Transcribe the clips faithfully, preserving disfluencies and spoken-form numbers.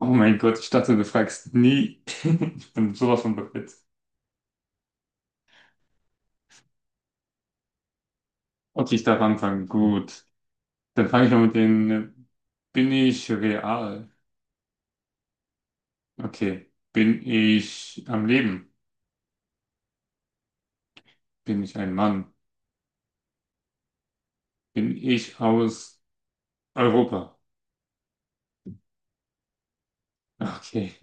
Oh mein Gott, ich dachte, du fragst nie. Ich bin sowas von bereit. Okay, ich darf anfangen. Gut. Dann fange ich mal mit den. Äh, Bin ich real? Okay. Bin ich am Leben? Bin ich ein Mann? Bin ich aus Europa? Okay.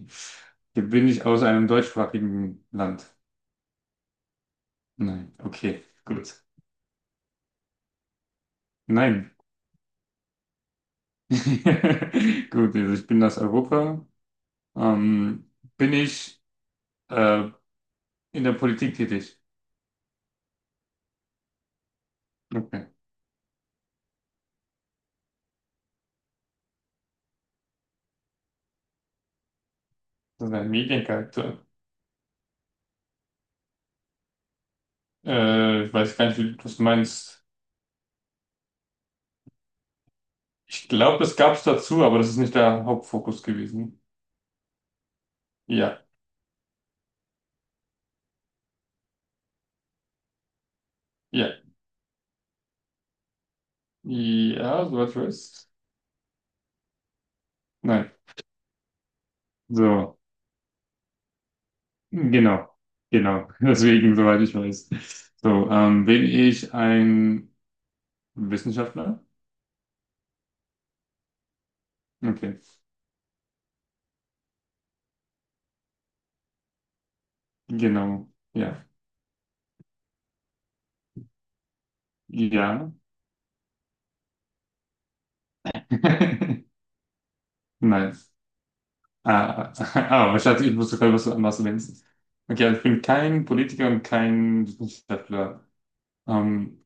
Okay, bin ich aus einem deutschsprachigen Land? Nein. Okay, gut. Nein. Gut, also ich bin aus Europa. Ähm, bin ich äh, in der Politik tätig? Okay. Das ist ein Mediencharakter. Äh, ich weiß gar nicht, wie du das meinst. Ich glaube, das gab es dazu, aber das ist nicht der Hauptfokus gewesen. Ja, ja, ja, soweit ich weiß. Nein. So, genau, genau. Deswegen, soweit ich weiß. So, ähm, bin ich ein Wissenschaftler? Okay, genau, ja. Ja. Nein. Ah, ah, ich hatte, ich wusste gerade, was du was du denkst. Okay, also ich bin kein Politiker und kein Wissenschaftler. Ähm,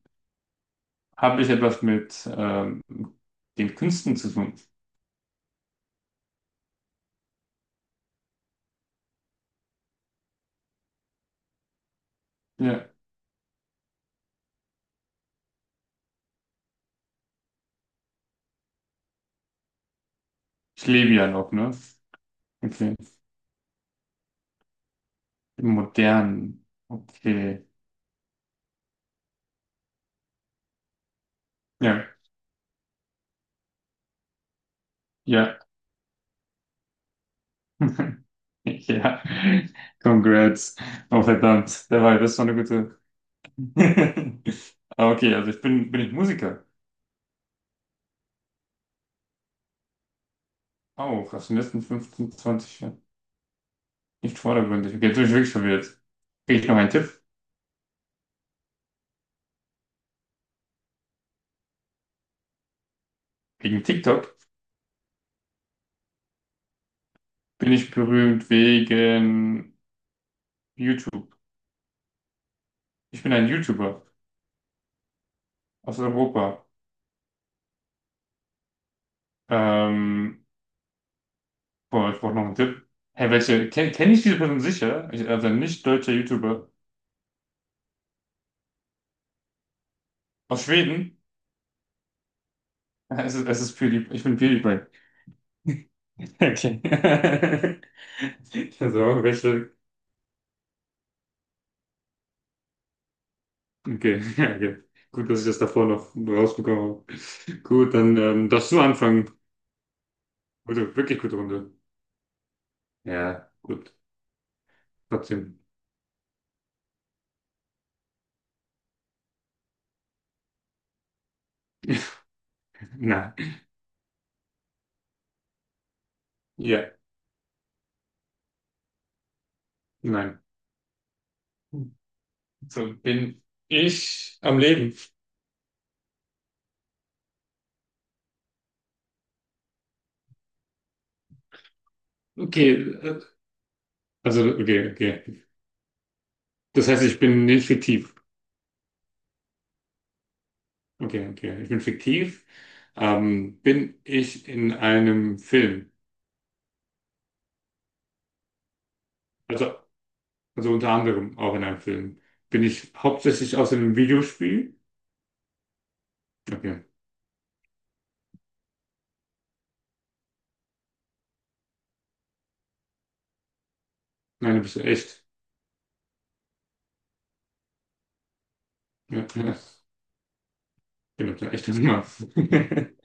habe ich etwas mit ähm, den Künsten zu tun? Ja, ich lebe ja noch, ne? Okay. Im Modernen. Okay. Ja, ja. Ja. Congrats. Oh, verdammt. Der war, das ist doch eine gute. Ah, okay, also ich bin, bin ich Musiker. Auch aus den letzten fünfzehn, zwanzig Jahren. Nicht vordergründig. Okay, jetzt bin ich wirklich verwirrt. Kriege ich noch einen Tipp? Wegen TikTok bin ich berühmt wegen YouTube. Ich bin ein YouTuber. Aus Europa. Ähm, boah, ich brauche noch einen Tipp. Hey, welche? Kenne kenn kenn ich diese Person sicher? Ich, also ein nicht deutscher YouTuber. Aus Schweden? Es ist, es ist PewDiePie. Ich bin PewDiePie. Okay. Also, welche? Okay, ja, okay. Gut, dass ich das davor noch rausbekommen habe. Gut, dann ähm, darfst du anfangen. Gute, wirklich gute Runde. Ja, gut. Trotzdem. Nein. Ja, nein. So bin ich am Leben. Okay, äh, also okay, okay. Das heißt, ich bin nicht fiktiv. Okay, okay. Ich bin fiktiv. Ähm, bin ich in einem Film? Also, also unter anderem auch in einem Film. Bin ich hauptsächlich aus einem Videospiel? Okay. Nein, du bist ja echt. Ja, genau, ja. Bin doch ein echter Mann.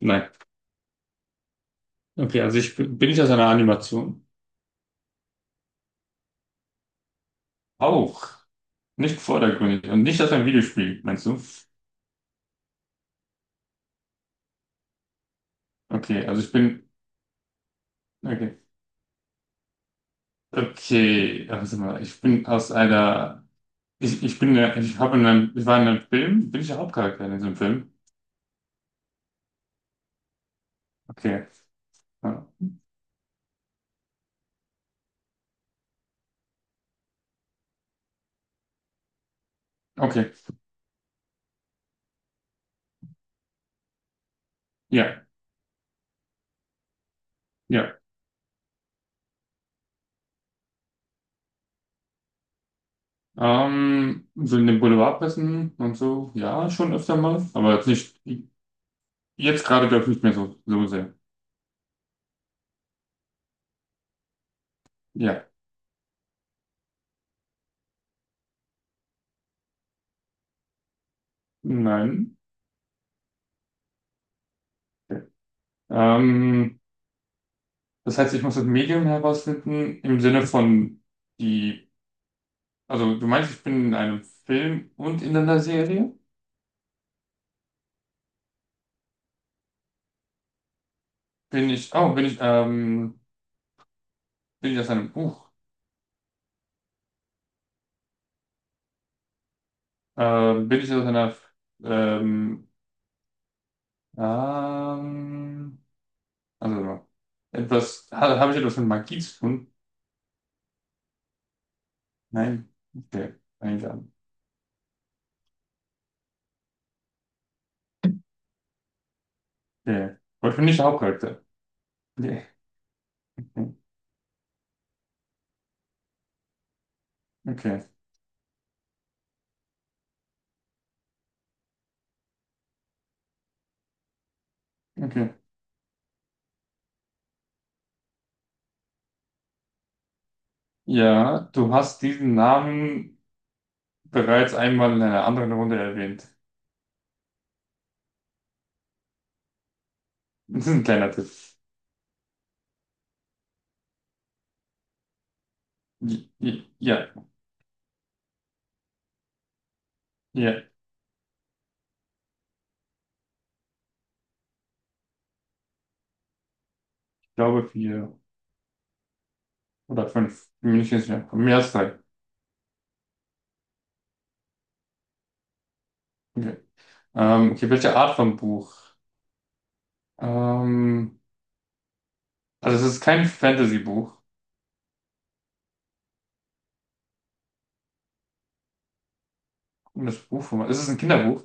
Nein. Okay, also ich bin bin ich aus einer Animation? Auch. Nicht vordergründig und nicht aus einem Videospiel, meinst du? Okay, also ich bin. Okay. Okay, also warte mal, ich bin aus einer. Ich, ich bin der, ich habe in einem, ich war in einem Film, bin ich der Hauptcharakter in diesem Film? Okay. Ja. Okay. Ja, ja. Ähm, so in den Boulevardpressen und so, ja, schon öfter mal, aber jetzt nicht, jetzt gerade glaube ich nicht mehr so, so sehr. Ja. Nein. Okay. Ähm, das heißt, ich muss das Medium herausfinden im Sinne von die, also du meinst, ich bin in einem Film und in einer Serie? Bin ich, oh, bin ich, ähm, bin ich aus einem Buch? Ähm, bin ich aus einer, ähm, ähm, also etwas, ha, habe ich etwas mit Magie zu tun? Nein. Okay, eigentlich an. Okay. Aber ich bin nicht der Hauptcharakter. Nee. Okay, okay. Ja, du hast diesen Namen bereits einmal in einer anderen Runde erwähnt. Das ist ein kleiner Tipp. J- j- Ja, ja, ich glaube vier oder fünf. Bin mir nicht ganz sicher. Mehr als drei. Okay. Ähm, okay, welche Art von Buch? Ähm, Also es ist kein Fantasy-Buch. Komisches Buch, wo man- es ist ein Kinderbuch.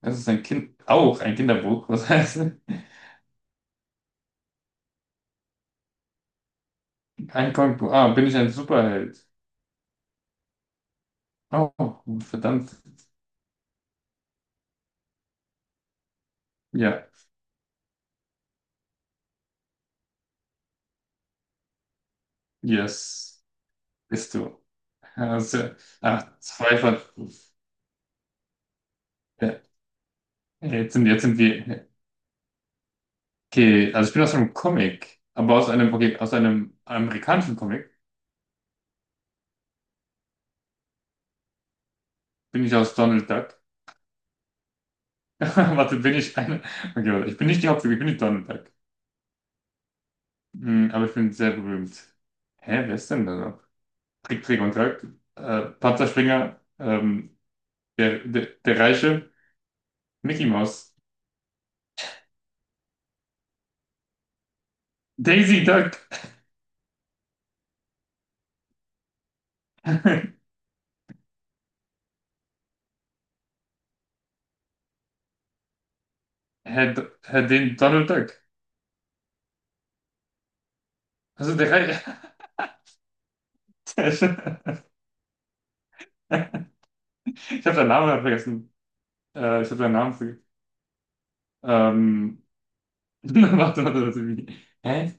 Es ist ein Kind, auch ein Kinderbuch. Was heißt ein Comicbuch? Ah, bin ich ein Superheld? Oh, verdammt. Ja, yes, bist du. Also, ah, zwei von. Ja, jetzt sind, jetzt sind wir. Okay, also ich bin aus einem Comic, aber aus einem, okay, aus einem amerikanischen Comic bin ich aus Donald Duck. Warte, bin ich eine. Okay, warte, ich bin nicht die Hauptfigur, ich bin nicht Donald Duck. Hm, aber ich bin sehr berühmt. Hä, wer ist denn da noch? Trick, Trick und Track. Äh, Panzerspringer, ähm, der, der, der Reiche, Mickey Mouse. Daisy Duck. Herr, Do- Herr den Donald Duck. Also der Reiche. Sehr schön. Ich habe seinen Namen gerade vergessen. Äh, ich habe seinen Namen vergessen. Ähm, warte, warte, warte. wie- Hä?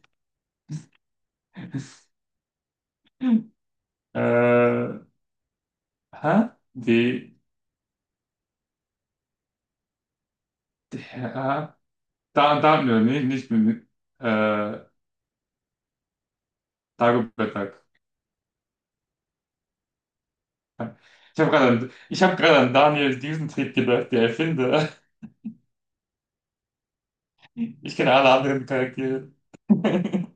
Äh, hä? D, D, A. Da, da, nee, nicht mit, äh, Dagobert Duck. Ich habe gerade an, ich hab grad an Daniel Düsentrieb gedacht, der Erfinder. Ich kenne alle anderen Charaktere.